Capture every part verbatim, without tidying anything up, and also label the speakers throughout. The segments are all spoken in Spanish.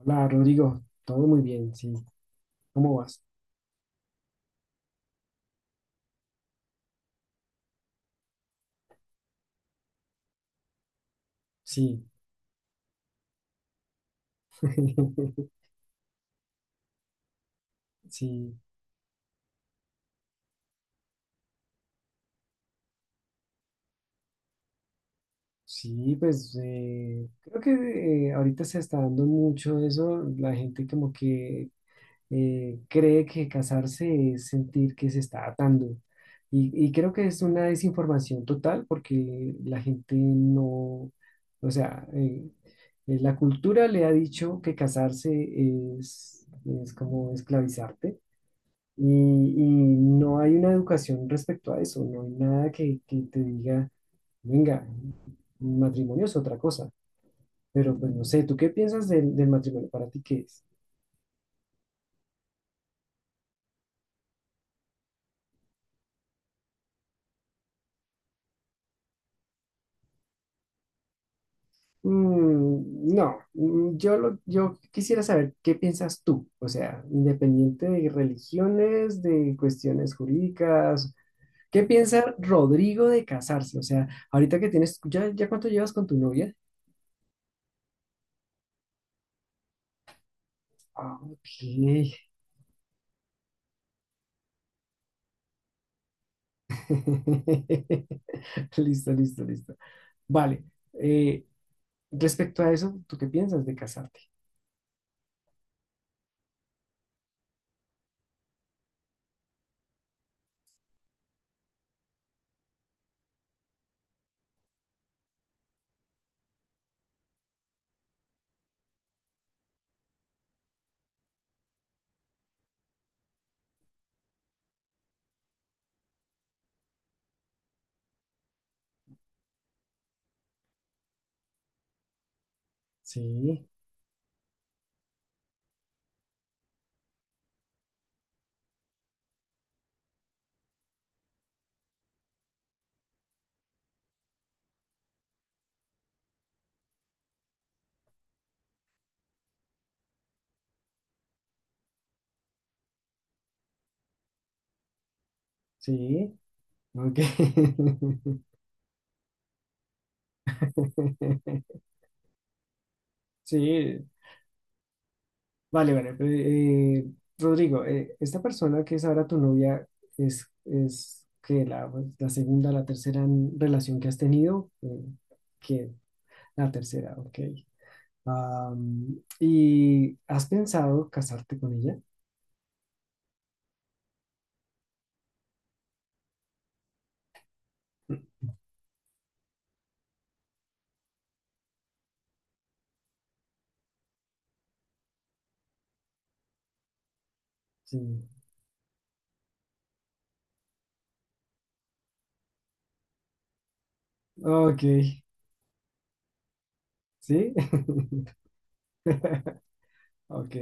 Speaker 1: Hola Rodrigo, todo muy bien, sí. ¿Cómo vas? Sí, sí, sí, pues eh, creo que eh, ahorita se está dando mucho eso, la gente como que eh, cree que casarse es sentir que se está atando y, y creo que es una desinformación total porque la gente no, o sea, eh, eh, la cultura le ha dicho que casarse es, es como esclavizarte. Y, y no hay una educación respecto a eso, no hay nada que, que te diga, venga, matrimonio es otra cosa, pero pues no sé, ¿tú qué piensas del, del matrimonio? ¿Para ti qué es? Mm, no, mm, yo, lo, yo quisiera saber qué piensas tú, o sea, independiente de religiones, de cuestiones jurídicas, ¿qué piensa Rodrigo de casarse? O sea, ahorita que tienes, ¿ya, ya cuánto llevas con tu novia? Ah, ok. Listo, listo, listo. Vale. eh, Respecto a eso, ¿tú qué piensas de casarte? Sí, sí. Ok. Sí, vale, vale. Pero, eh, Rodrigo, eh, esta persona que es ahora tu novia es, es que la, la segunda, la tercera relación que has tenido, que la tercera, ok. Am, ¿y has pensado casarte con ella? Sí. Ok, sí. Ok.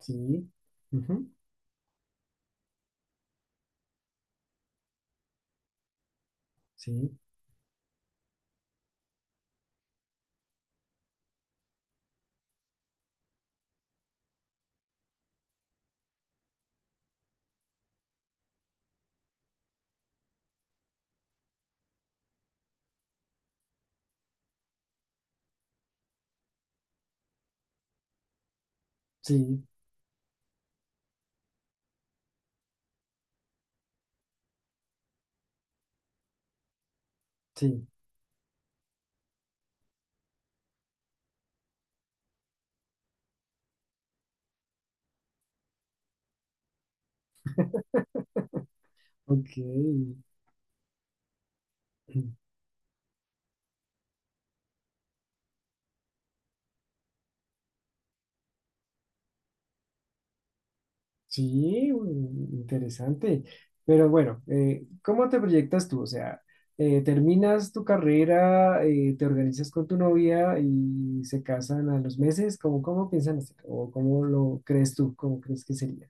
Speaker 1: Sí, ujú, sí, sí, sí, ok, sí, mm, interesante. Pero bueno, eh, ¿cómo te proyectas tú? O sea, eh, terminas tu carrera, eh, te organizas con tu novia y se casan a los meses. ¿Cómo, cómo piensan hacer? ¿O cómo lo crees tú? ¿Cómo crees que sería?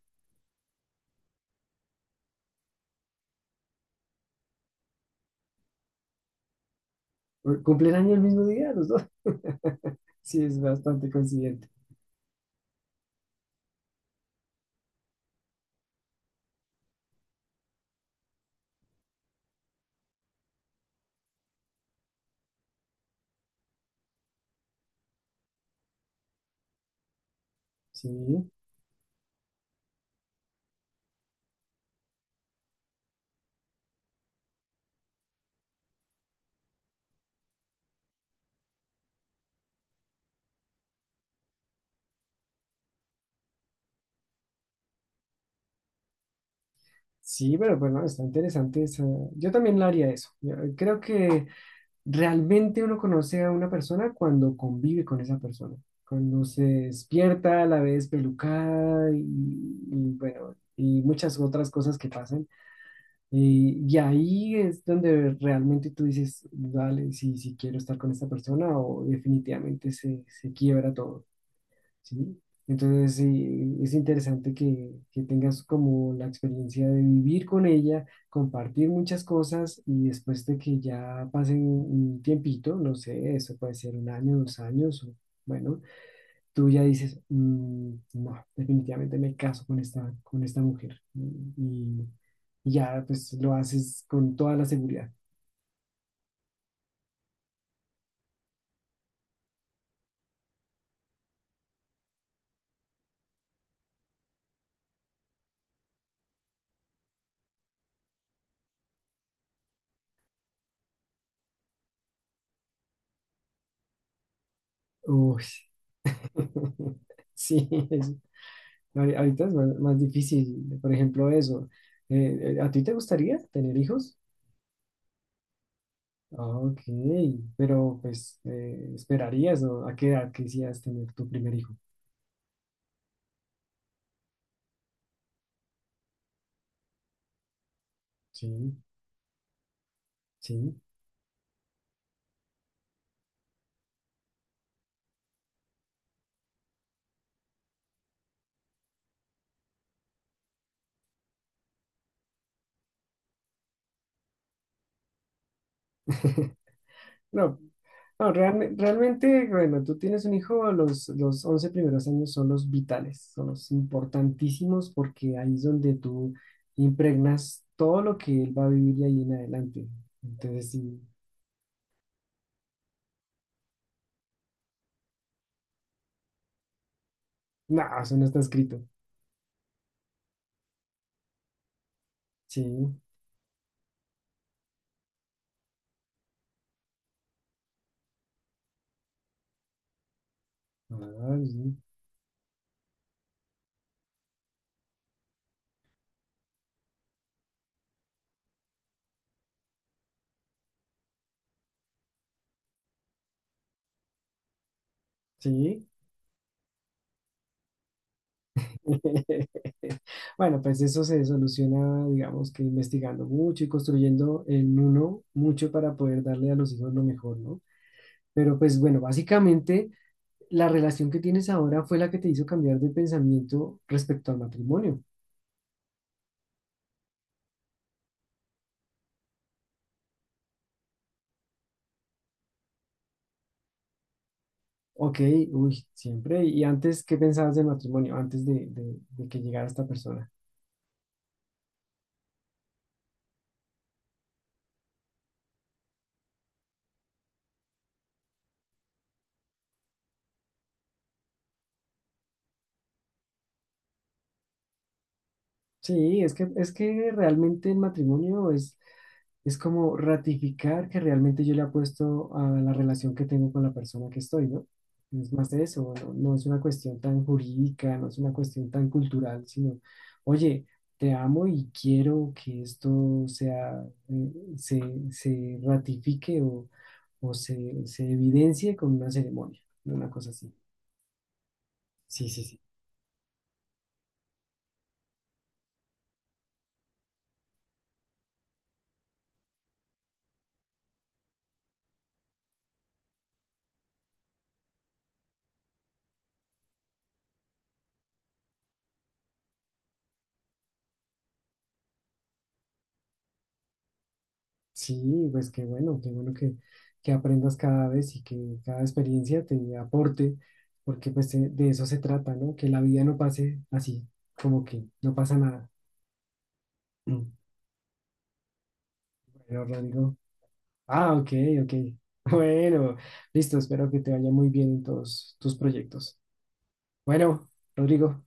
Speaker 1: ¿Cumplen año el mismo día los dos? Sí, es bastante coincidente. Sí, sí, pero bueno, está interesante esa- Yo también lo haría eso. Yo creo que... Realmente uno conoce a una persona cuando convive con esa persona, cuando se despierta, la ve despelucada y, y bueno, y muchas otras cosas que pasan. Y, y ahí es donde realmente tú dices, vale, si, si quiero estar con esta persona o definitivamente se, se quiebra todo. ¿Sí? Entonces, eh, es interesante que, que tengas como la experiencia de vivir con ella, compartir muchas cosas y después de que ya pasen un tiempito, no sé, eso puede ser un año, dos años, o, bueno, tú ya dices, "Mm, no, definitivamente me caso con esta, con esta mujer. Y, y ya, pues lo haces con toda la seguridad. Uy, sí, es ahori- Ahorita es más, más difícil, por ejemplo, eso. Eh, eh, ¿a ti te gustaría tener hijos? Ok, pero pues eh, esperarías o a qué edad quisieras tener tu primer hijo. Sí, sí. No, no realme- realmente, bueno, tú tienes un hijo, los, los once primeros años son los vitales, son los importantísimos porque ahí es donde tú impregnas todo lo que él va a vivir de ahí en adelante. Entonces, sí, no, eso no está escrito. Sí. Ah, sí. Sí. Bueno, pues eso se soluciona, digamos que investigando mucho y construyendo en uno mucho para poder darle a los hijos lo mejor, ¿no? Pero pues bueno, básicamente la relación que tienes ahora fue la que te hizo cambiar de pensamiento respecto al matrimonio. Ok, uy, siempre. ¿Y antes qué pensabas del matrimonio? Antes de, de de que llegara esta persona. Sí, es que, es que realmente el matrimonio es, es como ratificar que realmente yo le apuesto a la relación que tengo con la persona que estoy, ¿no? No es más de eso, no, no es una cuestión tan jurídica, no es una cuestión tan cultural, sino, oye, te amo y quiero que esto sea, eh, se, se ratifique o, o se, se evidencie con una ceremonia, una cosa así. Sí, sí, sí. Sí, pues qué bueno, qué bueno que, que aprendas cada vez y que cada experiencia te aporte, porque pues de, de eso se trata, ¿no? Que la vida no pase así, como que no pasa nada. Mm. Bueno, Rodrigo. Ah, ok, ok. Bueno, listo, espero que te vaya muy bien en todos tus proyectos. Bueno, Rodrigo,